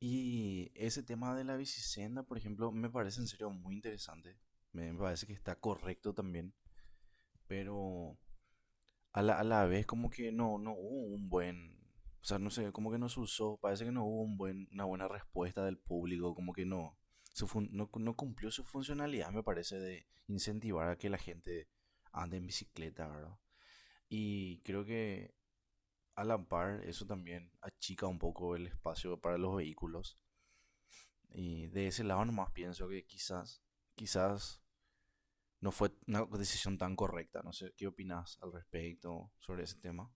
Y ese tema de la bicisenda, por ejemplo, me parece en serio muy interesante. Me parece que está correcto también, pero a la vez como que no hubo un buen, o sea, no sé, como que no se usó, parece que no hubo un buen, una buena respuesta del público, como que no, no cumplió su funcionalidad, me parece, de incentivar a que la gente ande en bicicleta, ¿verdad? Y creo que a la par eso también achica un poco el espacio para los vehículos. Y de ese lado nomás pienso que quizás, quizás no fue una decisión tan correcta. No sé, ¿qué opinas al respecto sobre ese tema?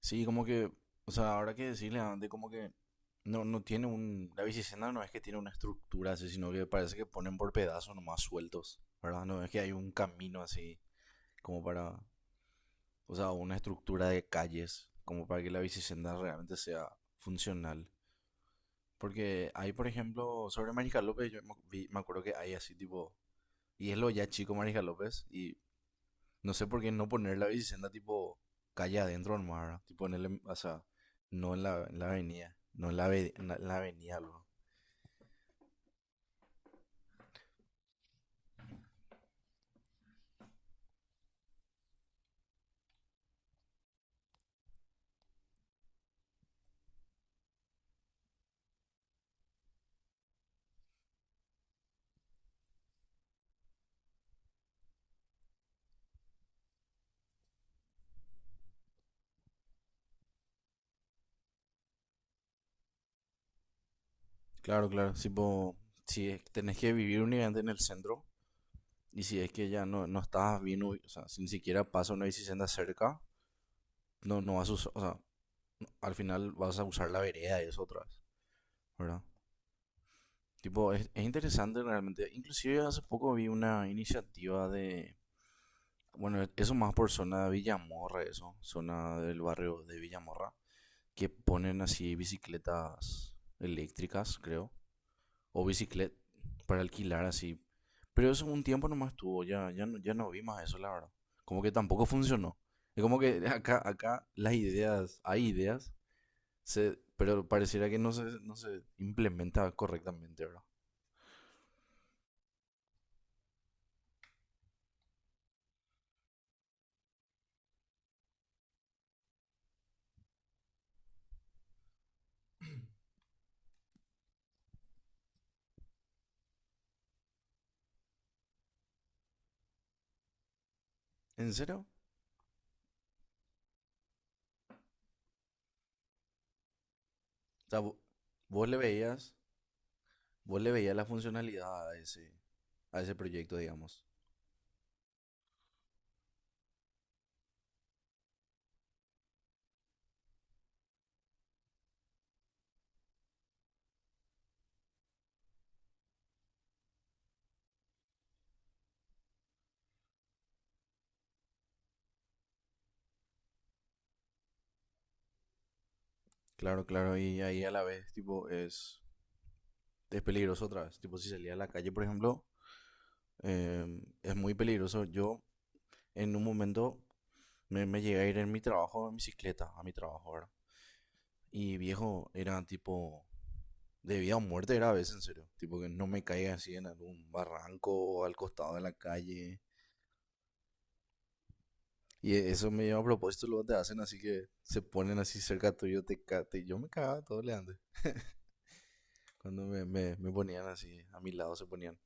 Sí, como que, o sea, ahora que decirle antes, como que no, no tiene un. La bicicenda no es que tiene una estructura así, sino que parece que ponen por pedazos nomás sueltos, ¿verdad? No es que hay un camino así, como para. O sea, una estructura de calles, como para que la bicicenda realmente sea funcional. Porque hay, por ejemplo, sobre Mariscal López, yo me acuerdo que hay así, tipo, y es lo ya chico Marija López. Y no sé por qué no poner la bicicenda tipo calle adentro nomás, ¿verdad? Tipo en el, o sea, no en la avenida. No en la, en la avenida, luego. Claro, claro. Tipo, si tenés que vivir únicamente en el centro y si es que ya no estás bien, o sea, si ni siquiera pasa una bicicenda cerca, no vas a usar, o sea, al final vas a usar la vereda y eso otra vez, ¿verdad? Tipo, es interesante realmente. Inclusive hace poco vi una iniciativa de bueno, eso más por zona de Villamorra, eso, zona del barrio de Villamorra, que ponen así bicicletas eléctricas, creo, o bicicleta para alquilar así. Pero eso un tiempo nomás estuvo, ya no vi más eso, la verdad. Como que tampoco funcionó. Es como que acá las ideas, hay ideas, se, pero pareciera que no se implementa correctamente, ¿verdad? ¿En serio? O sea, vos le veías, vos le veías la funcionalidad a ese proyecto, digamos. Claro, claro, y ahí a la vez, tipo, es peligroso otra vez. Tipo, si salía a la calle, por ejemplo, es muy peligroso. Yo, en un momento, me llegué a ir en mi trabajo, en bicicleta, a mi trabajo, ¿verdad? Y viejo, era tipo, de vida o muerte era a veces, en serio. Tipo, que no me caiga así en algún barranco o al costado de la calle. Y eso me lleva a propósito, luego te hacen así que se ponen así cerca tuyo, te, yo me cagaba todo le antes. Cuando me ponían así, a mi lado se ponían.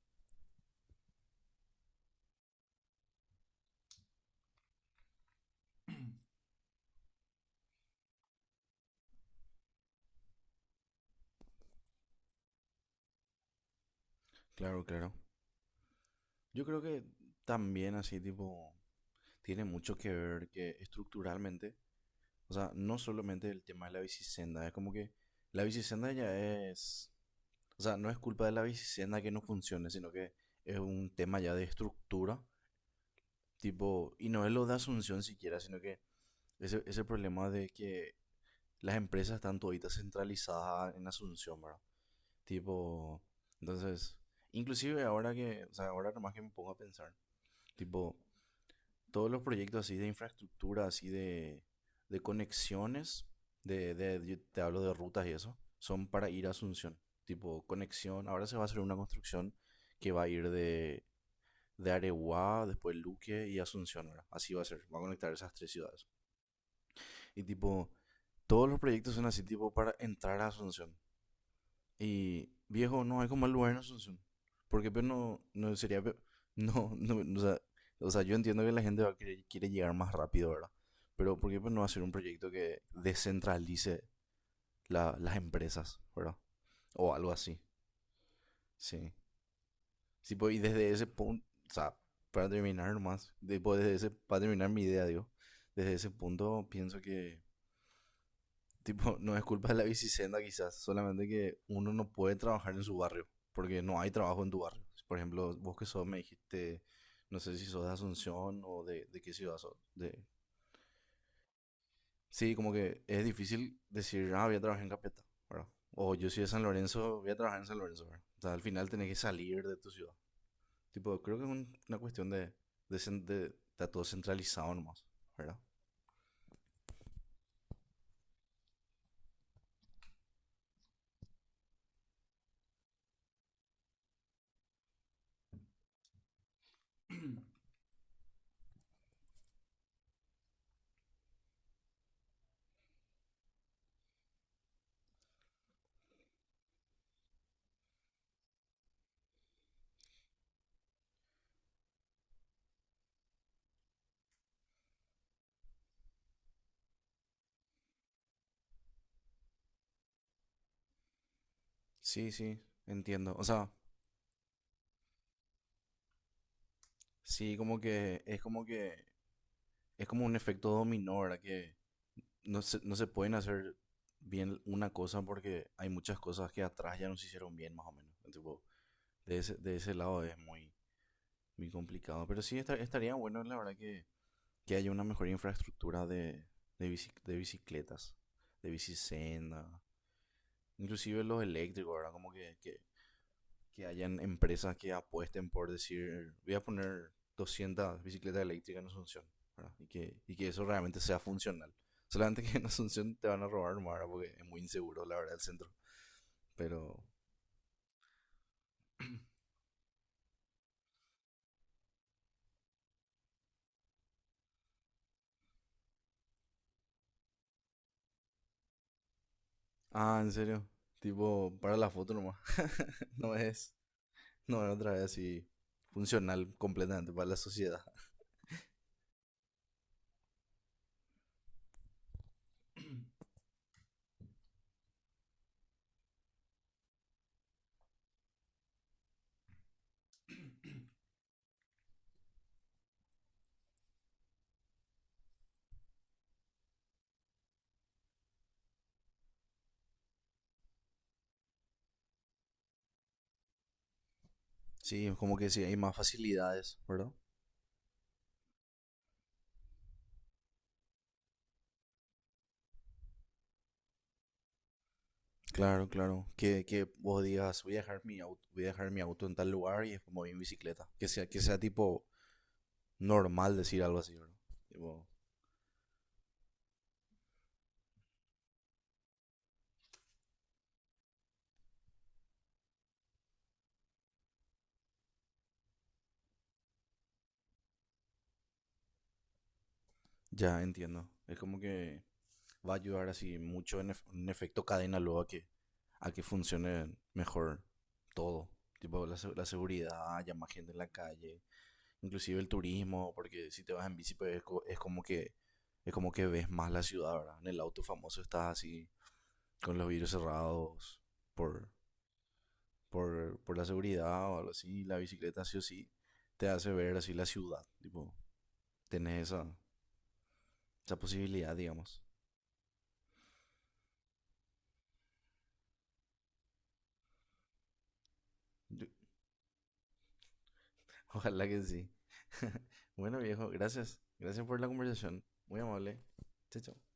Claro, claro. Yo creo que también así tipo tiene mucho que ver que estructuralmente, o sea, no solamente el tema de la bicisenda, es como que la bicisenda ya es, o sea, no es culpa de la bicisenda que no funcione, sino que es un tema ya de estructura, tipo, y no es lo de Asunción siquiera, sino que ese problema de que las empresas están toditas centralizadas en Asunción, ¿verdad? Tipo, entonces, inclusive ahora que, o sea, ahora nomás que me pongo a pensar, tipo, todos los proyectos así de infraestructura, así de conexiones, de, yo te hablo de rutas y eso, son para ir a Asunción. Tipo, conexión, ahora se va a hacer una construcción que va a ir de Areguá, después Luque y Asunción, ¿verdad? Así va a ser, va a conectar esas tres ciudades. Y tipo, todos los proyectos son así, tipo, para entrar a Asunción. Y viejo, no hay como el lugar en Asunción. Porque pero no, no sería... No, no, o sea, yo entiendo que la gente va a quiere llegar más rápido, ¿verdad? Pero ¿por qué pues, no hacer un proyecto que descentralice las empresas, ¿verdad? O algo así, sí. Sí, pues, y desde ese punto, o sea, para terminar nomás, pues, desde ese, para terminar mi idea, digo, desde ese punto pienso que tipo, no es culpa de la bicicenda quizás, solamente que uno no puede trabajar en su barrio, porque no hay trabajo en tu barrio. Por ejemplo, vos que sos, me dijiste, no sé si sos de Asunción o de qué ciudad sos. De... Sí, como que es difícil decir, ah, voy a trabajar en Capeta, ¿verdad? O yo soy de San Lorenzo, voy a trabajar en San Lorenzo, ¿verdad? O sea, al final tenés que salir de tu ciudad. Tipo, creo que es una cuestión de, está todo centralizado nomás, ¿verdad? Sí, sí, entiendo. O sea, sí, como que es como que es como un efecto dominó, ¿verdad? Que no se pueden hacer bien una cosa porque hay muchas cosas que atrás ya no se hicieron bien, más o menos. Tipo, de ese lado es muy, muy complicado. Pero sí estaría bueno, la verdad, que haya una mejor infraestructura de, de bicicletas, de bicicenda, inclusive los eléctricos, ¿verdad? Como que, que hayan empresas que apuesten por decir, voy a poner 200 bicicletas eléctricas en Asunción, ¿verdad? Y que eso realmente sea funcional. Solamente que en Asunción te van a robar nomás, ¿verdad? Porque es muy inseguro, la verdad, el centro. Pero, ah, en serio, tipo, para la foto nomás. No es, no es otra vez así funcional completamente para la sociedad. Sí, como que sí, hay más facilidades, ¿verdad? Claro, claro. Que vos digas, voy a dejar mi auto, voy a dejar mi auto en tal lugar y después me voy en bicicleta. Que sea tipo normal decir algo así, ¿verdad? Tipo, ya entiendo. Es como que va a ayudar así mucho en, en efecto cadena luego a que funcione mejor todo. Tipo la, la seguridad, ya más gente en la calle, inclusive el turismo, porque si te vas en bici pues, es, es como que ves más la ciudad, ¿verdad? En el auto famoso estás así con los vidrios cerrados por, por la seguridad o algo así, la bicicleta sí o sí te hace ver así la ciudad, tipo, tenés esa, esa posibilidad, digamos. Yo- ojalá que sí. Bueno, viejo, gracias. Gracias por la conversación. Muy amable. Chao, chao.